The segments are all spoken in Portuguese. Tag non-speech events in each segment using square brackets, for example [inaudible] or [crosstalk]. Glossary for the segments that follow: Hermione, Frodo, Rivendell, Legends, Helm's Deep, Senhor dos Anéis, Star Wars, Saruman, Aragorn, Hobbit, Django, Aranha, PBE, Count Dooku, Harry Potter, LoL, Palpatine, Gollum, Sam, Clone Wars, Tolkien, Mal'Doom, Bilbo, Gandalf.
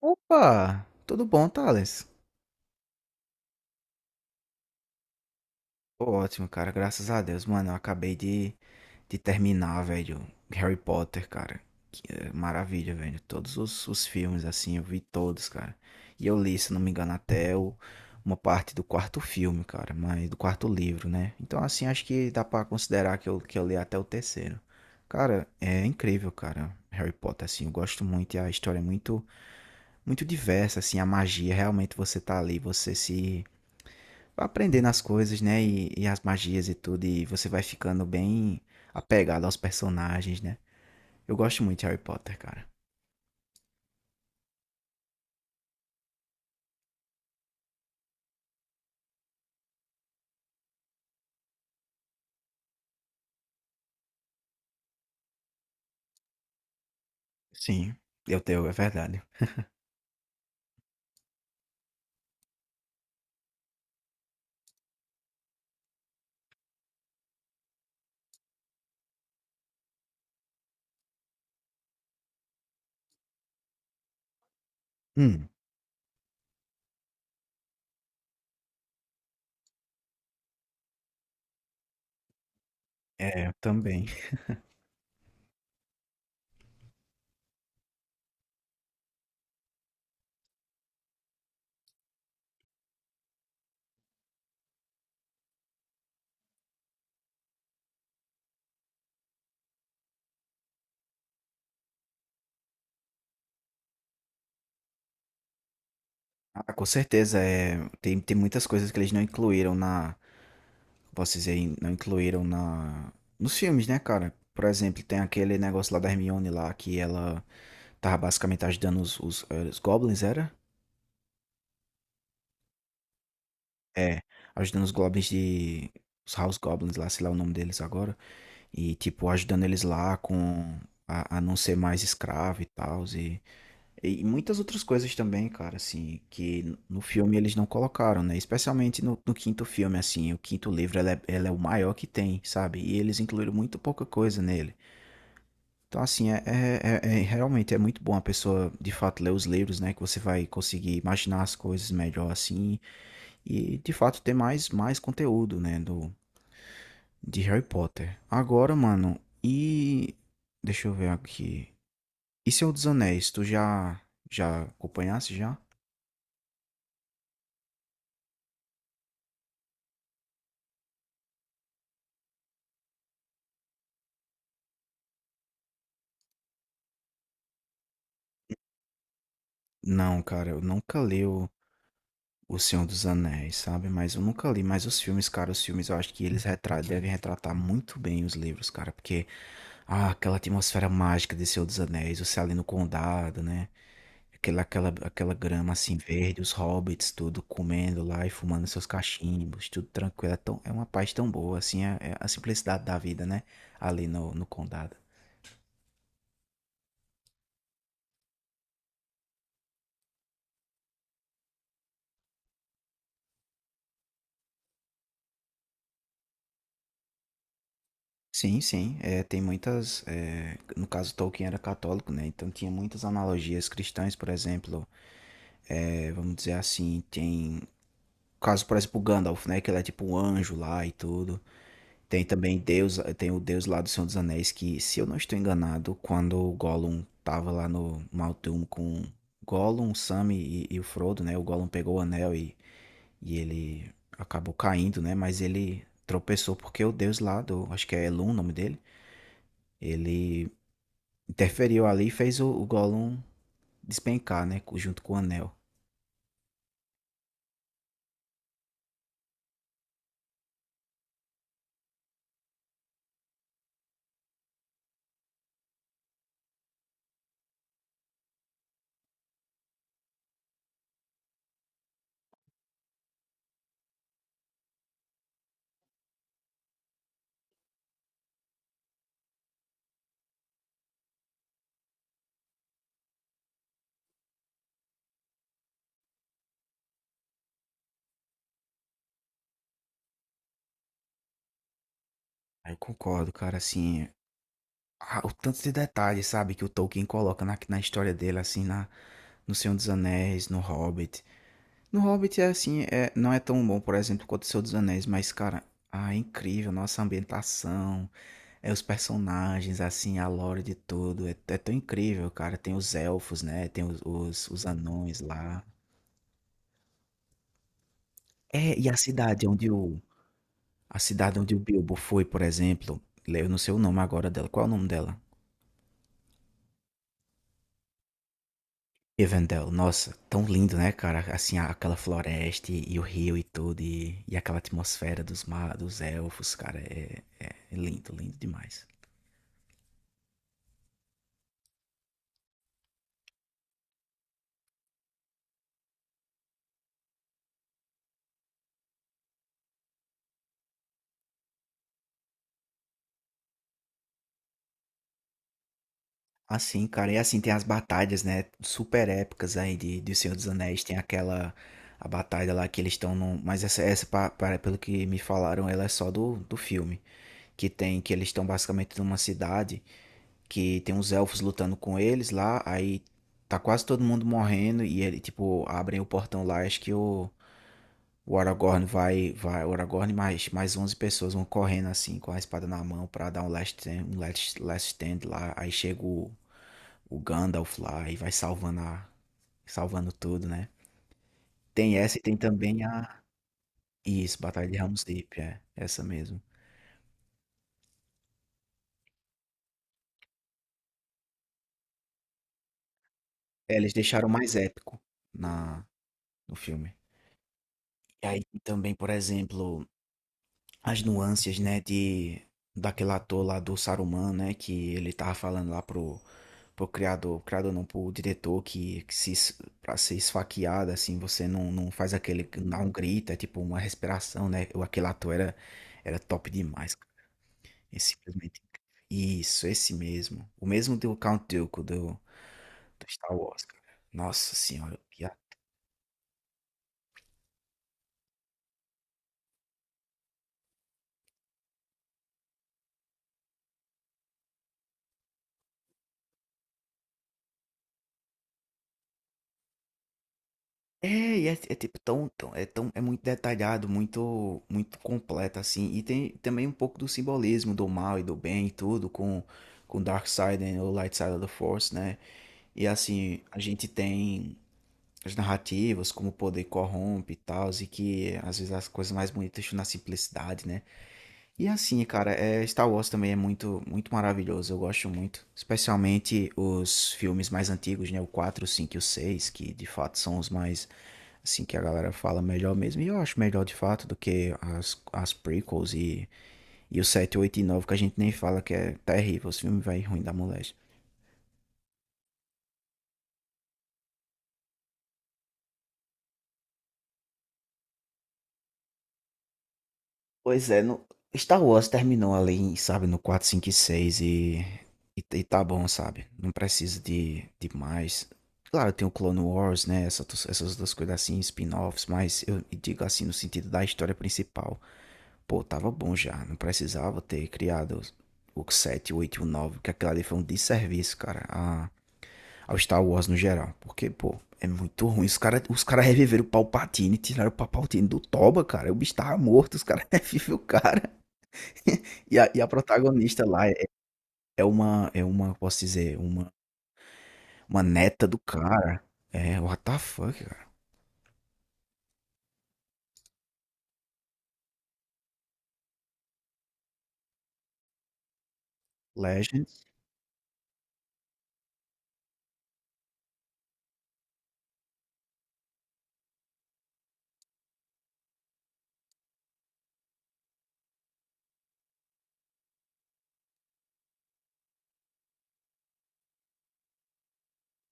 Opa! Tudo bom, Thales? Tô ótimo, cara. Graças a Deus, mano. Eu acabei de terminar, velho. Harry Potter, cara. Que maravilha, velho. Todos os filmes, assim, eu vi todos, cara. E eu li, se não me engano, uma parte do quarto filme, cara. Mas do quarto livro, né? Então, assim, acho que dá pra considerar que eu li até o terceiro. Cara, é incrível, cara. Harry Potter, assim, eu gosto muito e a história é muito diversa, assim, a magia, realmente você tá ali, você se aprendendo as coisas, né? E as magias e tudo. E você vai ficando bem apegado aos personagens, né? Eu gosto muito de Harry Potter, cara. Sim, eu tenho, é verdade. Hum, é, eu também. Ah, com certeza, é, tem muitas coisas que eles não incluíram na. Posso dizer, não incluíram na. Nos filmes, né, cara? Por exemplo, tem aquele negócio lá da Hermione lá, que ela tava basicamente ajudando os Goblins, era? É, ajudando os Goblins de. Os House Goblins lá, sei lá o nome deles agora. E tipo ajudando eles lá com a não ser mais escravo e tal e muitas outras coisas também, cara, assim, que no filme eles não colocaram, né? Especialmente no quinto filme, assim, o quinto livro ela é o maior que tem, sabe? E eles incluíram muito pouca coisa nele. Então, assim, realmente é muito bom a pessoa, de fato, ler os livros, né? Que você vai conseguir imaginar as coisas melhor, assim, e, de fato, mais conteúdo, né? De Harry Potter. Agora, mano, e. Deixa eu ver aqui. E Senhor dos Anéis? Tu já. Já acompanhasse já? Não, cara, eu nunca li o Senhor dos Anéis, sabe? Mas eu nunca li. Mas os filmes, cara, os filmes eu acho que eles devem retratar muito bem os livros, cara. Porque. Ah, aquela atmosfera mágica de Senhor dos Anéis, você ali no condado, né? Aquela grama assim verde, os hobbits tudo comendo lá e fumando seus cachimbos, tudo tranquilo. É, tão, é uma paz tão boa, assim, é, é a simplicidade da vida, né? Ali no condado. Sim, sim, é, tem muitas. É, no caso, Tolkien era católico, né? Então tinha muitas analogias cristãs, por exemplo, é, vamos dizer assim, tem. Caso, por exemplo, o Gandalf, né? Que ele é tipo um anjo lá e tudo. Tem também Deus, tem o Deus lá do Senhor dos Anéis que, se eu não estou enganado, quando o Gollum tava lá no Mal'Doom com Gollum, Sam e o Frodo, né? O Gollum pegou o anel e ele acabou caindo, né? Mas ele tropeçou porque o Deus lá do, acho que é Elun o nome dele, ele interferiu ali e fez o Gollum despencar, né? Junto com o anel. Aí eu concordo, cara, assim, ah, o tanto de detalhes, sabe, que o Tolkien coloca na história dele, assim, na no Senhor dos Anéis, no Hobbit. No Hobbit é assim, é, não é tão bom, por exemplo, quanto o Senhor dos Anéis, mas, cara, ah, é incrível, nossa ambientação, é os personagens, assim, a lore de tudo, é, é tão incrível, cara. Tem os elfos, né? Tem os anões lá. É, e a cidade onde o Bilbo foi, por exemplo, eu não sei o nome agora dela, qual é o nome dela? Rivendell, nossa, tão lindo, né, cara? Assim, aquela floresta e o rio e tudo, e aquela atmosfera dos elfos, cara, é lindo, lindo demais. Assim, cara, e assim tem as batalhas, né, super épicas aí de Senhor dos Anéis, tem aquela a batalha lá que eles estão num, mas pelo que me falaram, ela é só do filme, que tem que eles estão basicamente numa cidade que tem uns elfos lutando com eles lá, aí tá quase todo mundo morrendo e ele tipo abrem o portão lá, acho que o Aragorn vai vai o Aragorn e mais 11 pessoas vão correndo assim com a espada na mão pra dar um last stand, um last stand lá, aí chega o Gandalf lá e vai salvando a, salvando tudo, né? Tem essa e tem também a isso, Batalha de Helm's Deep, é essa mesmo. É, eles deixaram mais épico na no filme. E aí também, por exemplo, as nuances, né, de daquele ator lá do Saruman, né, que ele tava falando lá pro criador, criador não, pro diretor que se es- pra ser esfaqueado assim, você não, não faz aquele não dá um grito, é tipo uma respiração, né? O aquele ator era top demais. É simplesmente incrível. Isso, esse mesmo. O mesmo do Count Dooku do Star Wars, cara. Nossa senhora. Que a- É, é tipo é tão, é muito detalhado, muito completo assim. E tem também um pouco do simbolismo do mal e do bem e tudo com Dark Side e o Light Side of the Force, né? E assim, a gente tem as narrativas como o poder corrompe e tal, e que às vezes as coisas mais bonitas estão na simplicidade, né? E assim, cara, é, Star Wars também é muito maravilhoso, eu gosto muito. Especialmente os filmes mais antigos, né? O quatro, o 5 e o seis, que de fato são os mais, assim, que a galera fala melhor mesmo. E eu acho melhor de fato do que as prequels e o sete, 8 e nove, que a gente nem fala, que é terrível, os filmes vai ruim da mulher. Pois é, no... Star Wars terminou ali, sabe, no quatro, 5 e 6 e tá bom, sabe? Não precisa de mais. Claro, tem o Clone Wars, né? Essa, essas duas coisas assim, spin-offs, mas eu digo assim no sentido da história principal. Pô, tava bom já, não precisava ter criado o 7, o 8 e o nove, que aquilo ali foi um desserviço, cara, a, ao Star Wars no geral. Porque, pô, é muito ruim. Os cara reviveram o Palpatine, tiraram o Palpatine do Toba, cara. O bicho tava morto, os caras [laughs] revivem o cara. [laughs] E a protagonista lá é é uma, posso dizer, uma neta do cara. É, what the fuck, cara. Legends.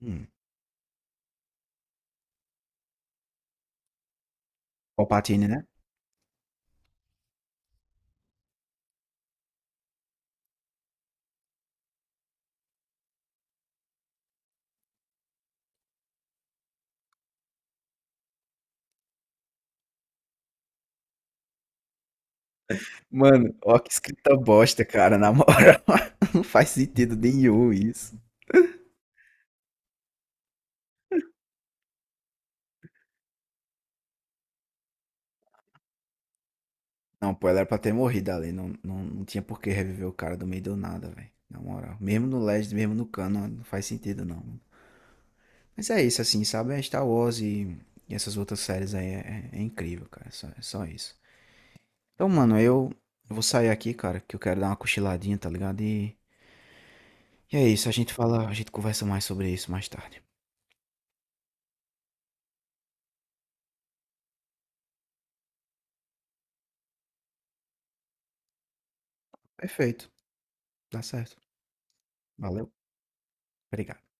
Hum, Palpatine, né. Mano, ó que escrita bosta, cara, na moral. [laughs] Não faz sentido nenhum isso. Não, pô, ela era pra ter morrido ali, não tinha por que reviver o cara do meio do nada, velho, na moral. Mesmo no Legends, mesmo no canon, não faz sentido não. Mas é isso, assim, sabe, é Star Wars e essas outras séries aí é incrível, cara, é só isso. Então, mano, eu vou sair aqui, cara, que eu quero dar uma cochiladinha, tá ligado? E é isso, a gente fala, a gente conversa mais sobre isso mais tarde. Perfeito, dá certo. Valeu, obrigado.